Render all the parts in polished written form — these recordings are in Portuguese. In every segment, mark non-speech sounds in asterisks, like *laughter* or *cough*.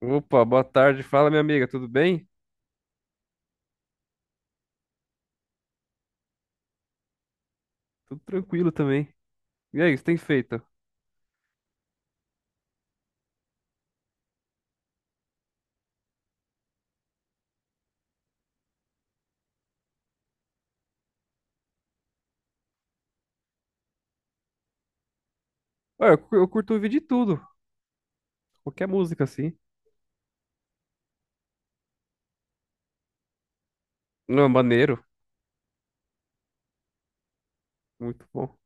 Opa, boa tarde. Fala, minha amiga, tudo bem? Tudo tranquilo também. E aí, o que você tem feito? Olha, eu curto ouvir de tudo. Qualquer música, assim. Não, maneiro. Muito bom.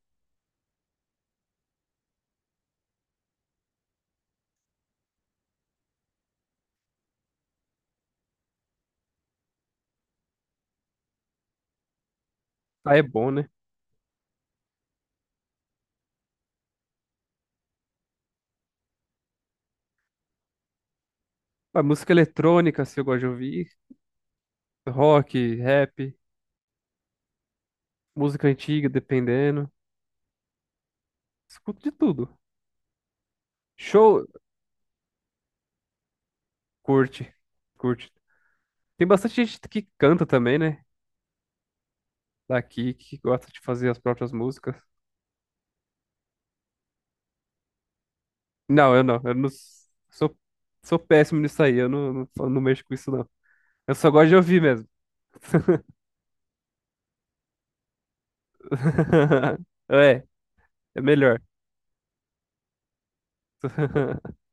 Ah, é bom, né? Ah, música eletrônica, assim, eu gosto de ouvir. Rock, rap, música antiga, dependendo. Escuto de tudo. Show, curte. Curte. Tem bastante gente que canta também, né? Daqui, que gosta de fazer as próprias músicas. Não, eu não. Eu não sou péssimo nisso aí. Eu não mexo com isso, não. Eu só gosto de ouvir mesmo. *laughs* É, é melhor. *laughs*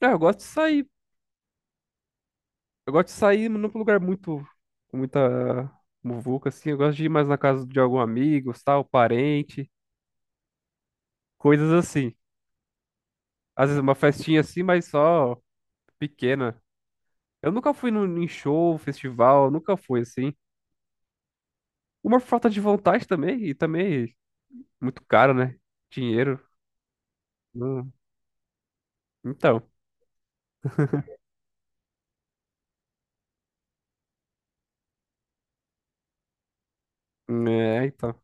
É, eu gosto de sair. Eu gosto de sair num lugar muito, com muita muvuca, assim. Eu gosto de ir mais na casa de algum amigo, tal, parente, coisas assim. Às vezes uma festinha assim, mas só pequena. Eu nunca fui num, em show, festival, nunca fui assim. Uma falta de vontade também, e também muito caro, né? Dinheiro. Hum, Então, é, então.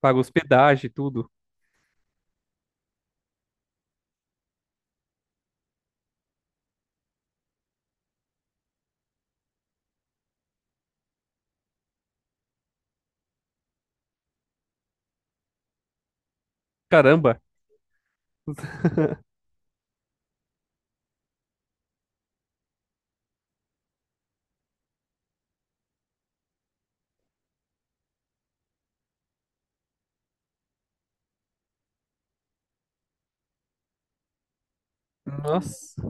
Paga hospedagem, tudo. Caramba. *laughs* Nossa.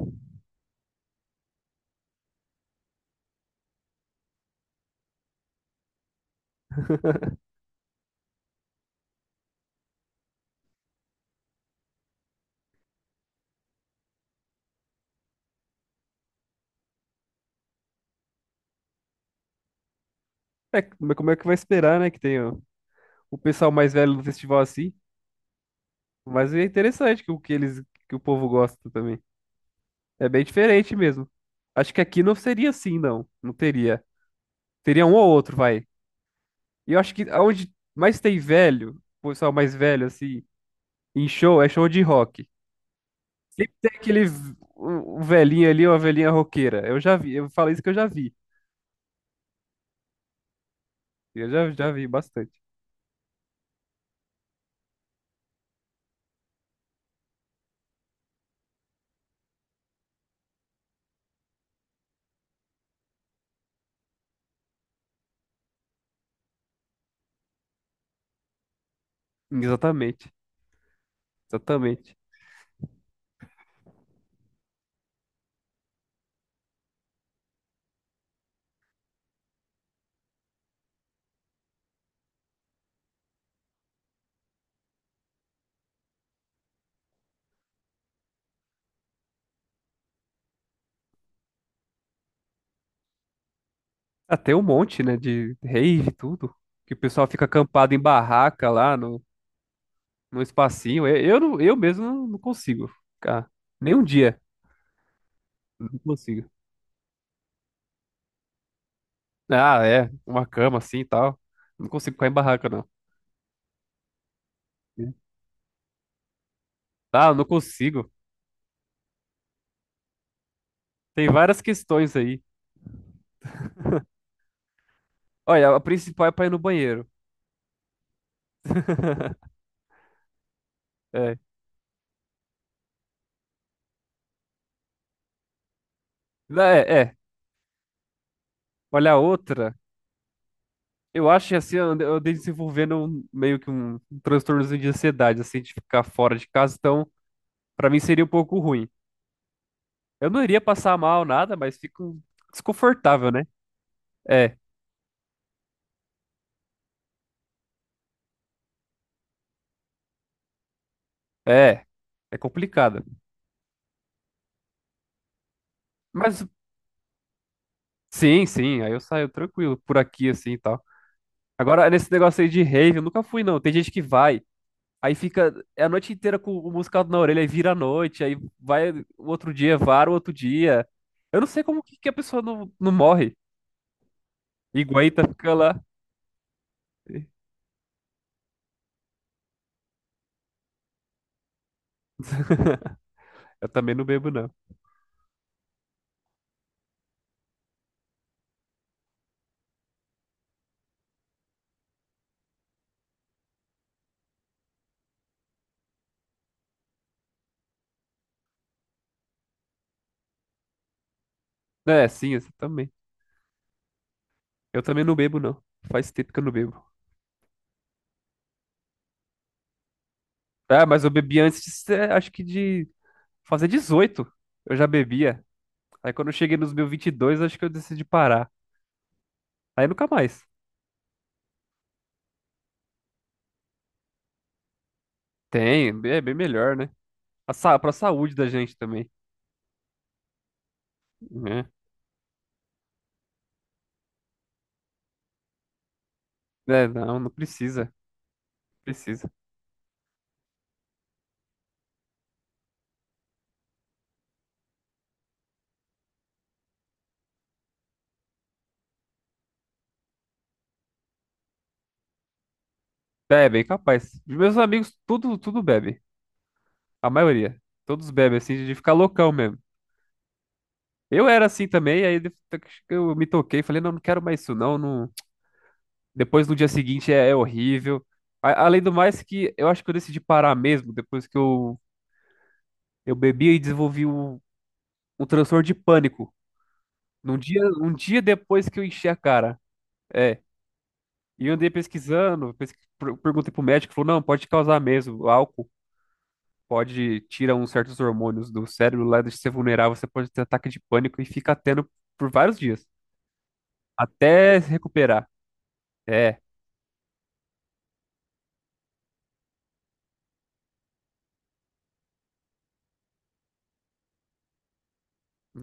É, mas como é que vai esperar, né? Que tenha o pessoal mais velho do festival assim. Mas é interessante que que o povo gosta também. É bem diferente mesmo. Acho que aqui não seria assim, não. Não teria. Teria um ou outro, vai. E eu acho que aonde mais tem velho, o pessoal mais velho, assim, em show, é show de rock. Sempre tem aquele um velhinho ali, uma velhinha roqueira. Eu já vi, eu falei isso que eu já vi. Eu já vi bastante. Exatamente. Exatamente. Ah, tem um monte, né, de rave e tudo. Que o pessoal fica acampado em barraca lá no, no espacinho. Eu mesmo não consigo ficar. Nem um dia. Não consigo. Ah, é. Uma cama assim e tal. Não consigo ficar em barraca, não. Ah, não consigo. Tem várias questões aí. Olha, a principal é pra ir no banheiro. *laughs* É. Não, é, é. Olha a outra. Eu acho que assim, eu andei desenvolvendo meio que um transtorno de ansiedade, assim, de ficar fora de casa. Então, pra mim seria um pouco ruim. Eu não iria passar mal nada, mas fico desconfortável, né? É, é, é complicado. Mas sim, aí eu saio tranquilo por aqui assim e tal. Agora, nesse negócio aí de rave, eu nunca fui não. Tem gente que vai, aí fica é a noite inteira com o musical na orelha, aí vira a noite, aí vai o outro dia, vara o outro dia. Eu não sei como que a pessoa não morre. E aguenta ficar lá. Eu também não bebo, não. É, sim, essa também. Eu também não bebo, não. Faz tempo que eu não bebo. Ah, mas eu bebi antes de, ser- acho que de fazer 18, eu já bebia. Aí quando eu cheguei nos meus 22, acho que eu decidi parar. Aí nunca mais. Tem, é bem melhor, né? A, sa- pra saúde da gente também, né? É, não precisa. Precisa. É, bem capaz. Meus amigos, tudo bebe. A maioria. Todos bebem, assim, de ficar loucão mesmo. Eu era assim também, eu me toquei, falei, não, não quero mais isso, não. Não... Depois no dia seguinte é horrível. A- Além do mais que eu acho que eu decidi parar mesmo, depois que eu bebi e desenvolvi um transtorno de pânico. Um dia depois que eu enchi a cara. É. E eu andei pesquisando, perguntei pro médico, falou, não, pode causar mesmo, o álcool. Pode tirar uns certos hormônios do cérebro lá, deixa você vulnerável, você pode ter ataque de pânico e fica tendo por vários dias. Até se recuperar. É,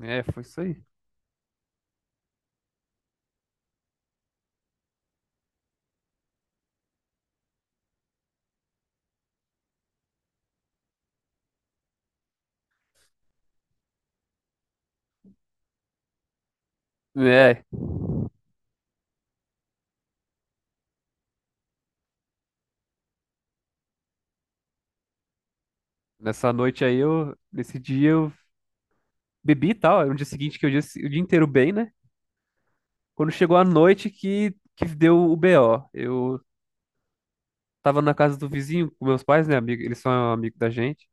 foi isso aí. É, nessa noite aí eu, nesse dia eu bebi e tal. Aí no dia seguinte que eu disse o dia inteiro bem, né? Quando chegou a noite que deu o BO. Eu tava na casa do vizinho com meus pais, né, amigo? Eles são amigos da gente.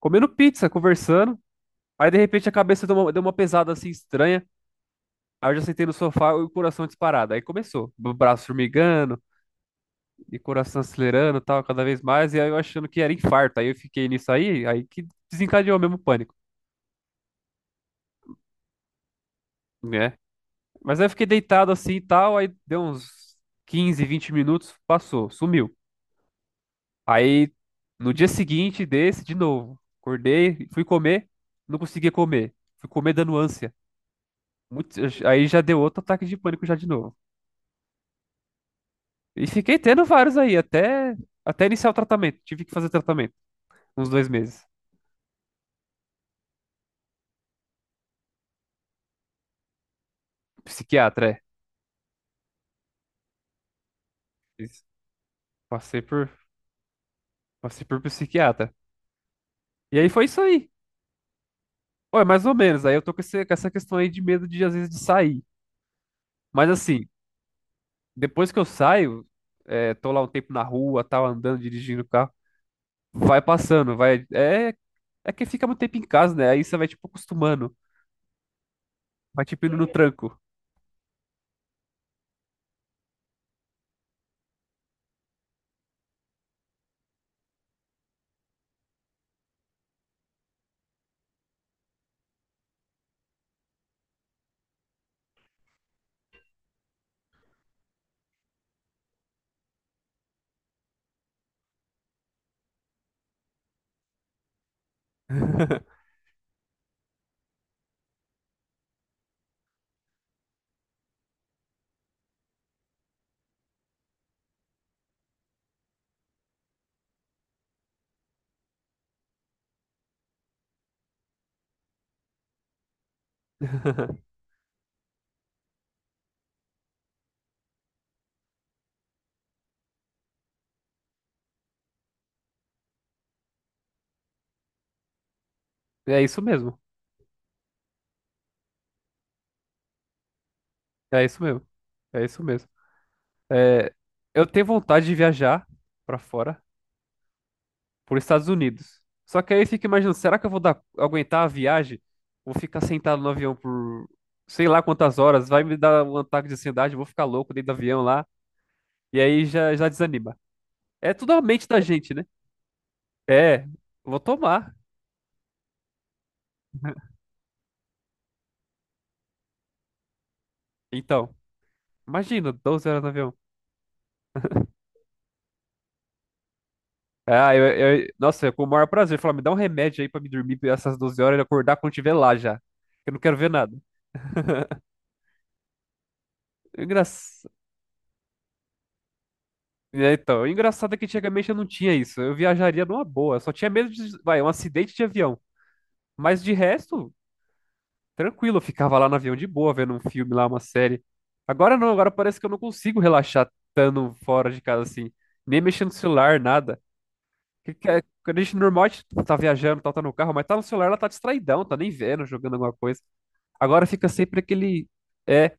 Comendo pizza, conversando. Aí de repente a cabeça deu uma pesada assim estranha. Aí eu já sentei no sofá e o coração disparado. Aí começou. O braço formigando, e coração acelerando, e tal, cada vez mais, e aí eu achando que era infarto. Aí eu fiquei nisso aí, aí que desencadeou mesmo o pânico, né? Mas aí eu fiquei deitado assim e tal, aí deu uns 15 20 minutos, passou, sumiu. Aí no dia seguinte desse, de novo, acordei, fui comer, não conseguia comer. Fui comer dando ânsia. Muito- aí já deu outro ataque de pânico já de novo. E fiquei tendo vários aí, até, até iniciar o tratamento. Tive que fazer tratamento, uns 2 meses. Psiquiatra, é. Isso. Passei por Passei por psiquiatra. E aí foi isso aí. Ué, mais ou menos. Aí eu tô com, esse- com essa questão aí de medo de, às vezes, de sair. Mas assim, depois que eu saio, é, tô lá um tempo na rua, tal, andando, dirigindo o carro, vai passando, vai. É, é que fica muito tempo em casa, né? Aí você vai, tipo, acostumando. Vai, tipo, indo no tranco. *laughs* É isso mesmo. É isso mesmo. É isso mesmo. É, eu tenho vontade de viajar pra fora, por Estados Unidos. Só que aí eu fico imaginando, será que eu vou dar, aguentar a viagem? Vou ficar sentado no avião por sei lá quantas horas, vai me dar um ataque de ansiedade, vou ficar louco dentro do avião lá, e aí já desanima. É tudo a mente da gente, né? É, vou tomar. Então, imagina, 12 horas no avião. Ah, nossa, é com o maior prazer. Falar, me dá um remédio aí pra me dormir essas 12 horas e acordar quando tiver lá já. Eu não quero ver nada. É engraçado. É, então, o engraçado é que antigamente eu não tinha isso. Eu viajaria numa boa. Eu só tinha medo de, vai, um acidente de avião. Mas de resto, tranquilo, eu ficava lá no avião de boa, vendo um filme lá, uma série. Agora não, agora parece que eu não consigo relaxar estando fora de casa assim. Nem mexendo no celular, nada. Quando a gente normal, a gente tá viajando, tá no carro, mas tá no celular, ela tá distraidão, tá nem vendo, jogando alguma coisa. Agora fica sempre aquele. É,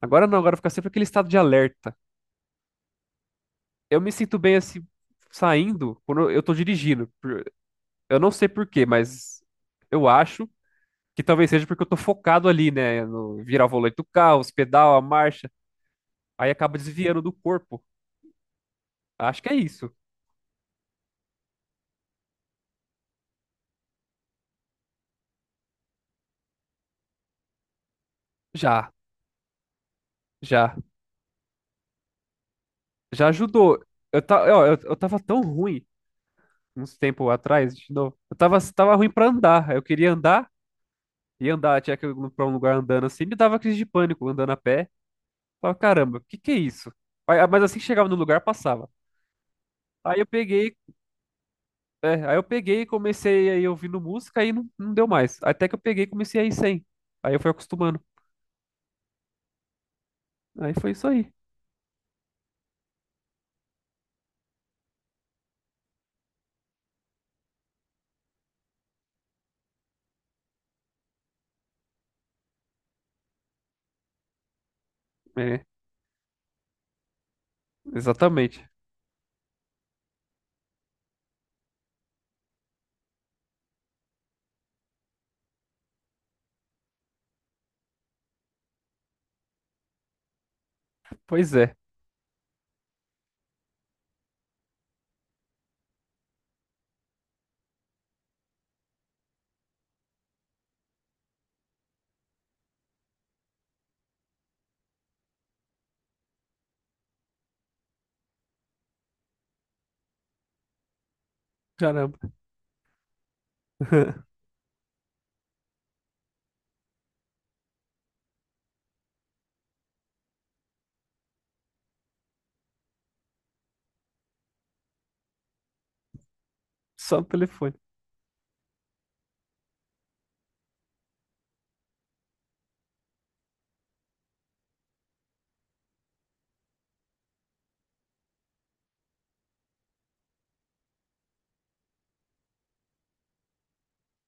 agora não, agora fica sempre aquele estado de alerta. Eu me sinto bem assim, saindo, quando eu tô dirigindo. Eu não sei por quê, mas eu acho que talvez seja porque eu tô focado ali, né? No virar o volante do carro, os pedal, a marcha. Aí acaba desviando do corpo. Acho que é isso. Já, já, já ajudou. Eu, ta... ó, eu tava tão ruim uns tempo atrás, de novo. Tava ruim pra andar. Eu queria andar e andar, tinha que ir pra um lugar andando assim, me dava crise de pânico andando a pé. Falava, caramba, o que que é isso? Mas assim que chegava no lugar, passava. Aí eu peguei É, aí eu peguei e comecei aí ouvindo música aí não deu mais. Até que eu peguei e comecei a ir sem. Aí eu fui acostumando. Aí foi isso aí. É, exatamente. Pois é. Caramba. *laughs* Só no telefone.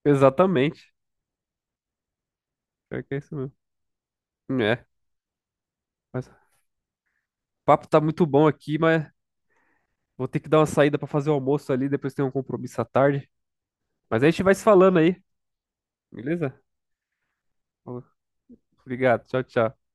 Exatamente. Pior que é isso mesmo. É, mas o papo tá muito bom aqui, mas vou ter que dar uma saída pra fazer o almoço ali, depois tem um compromisso à tarde. Mas a gente vai se falando aí, beleza? Obrigado. Tchau, tchau.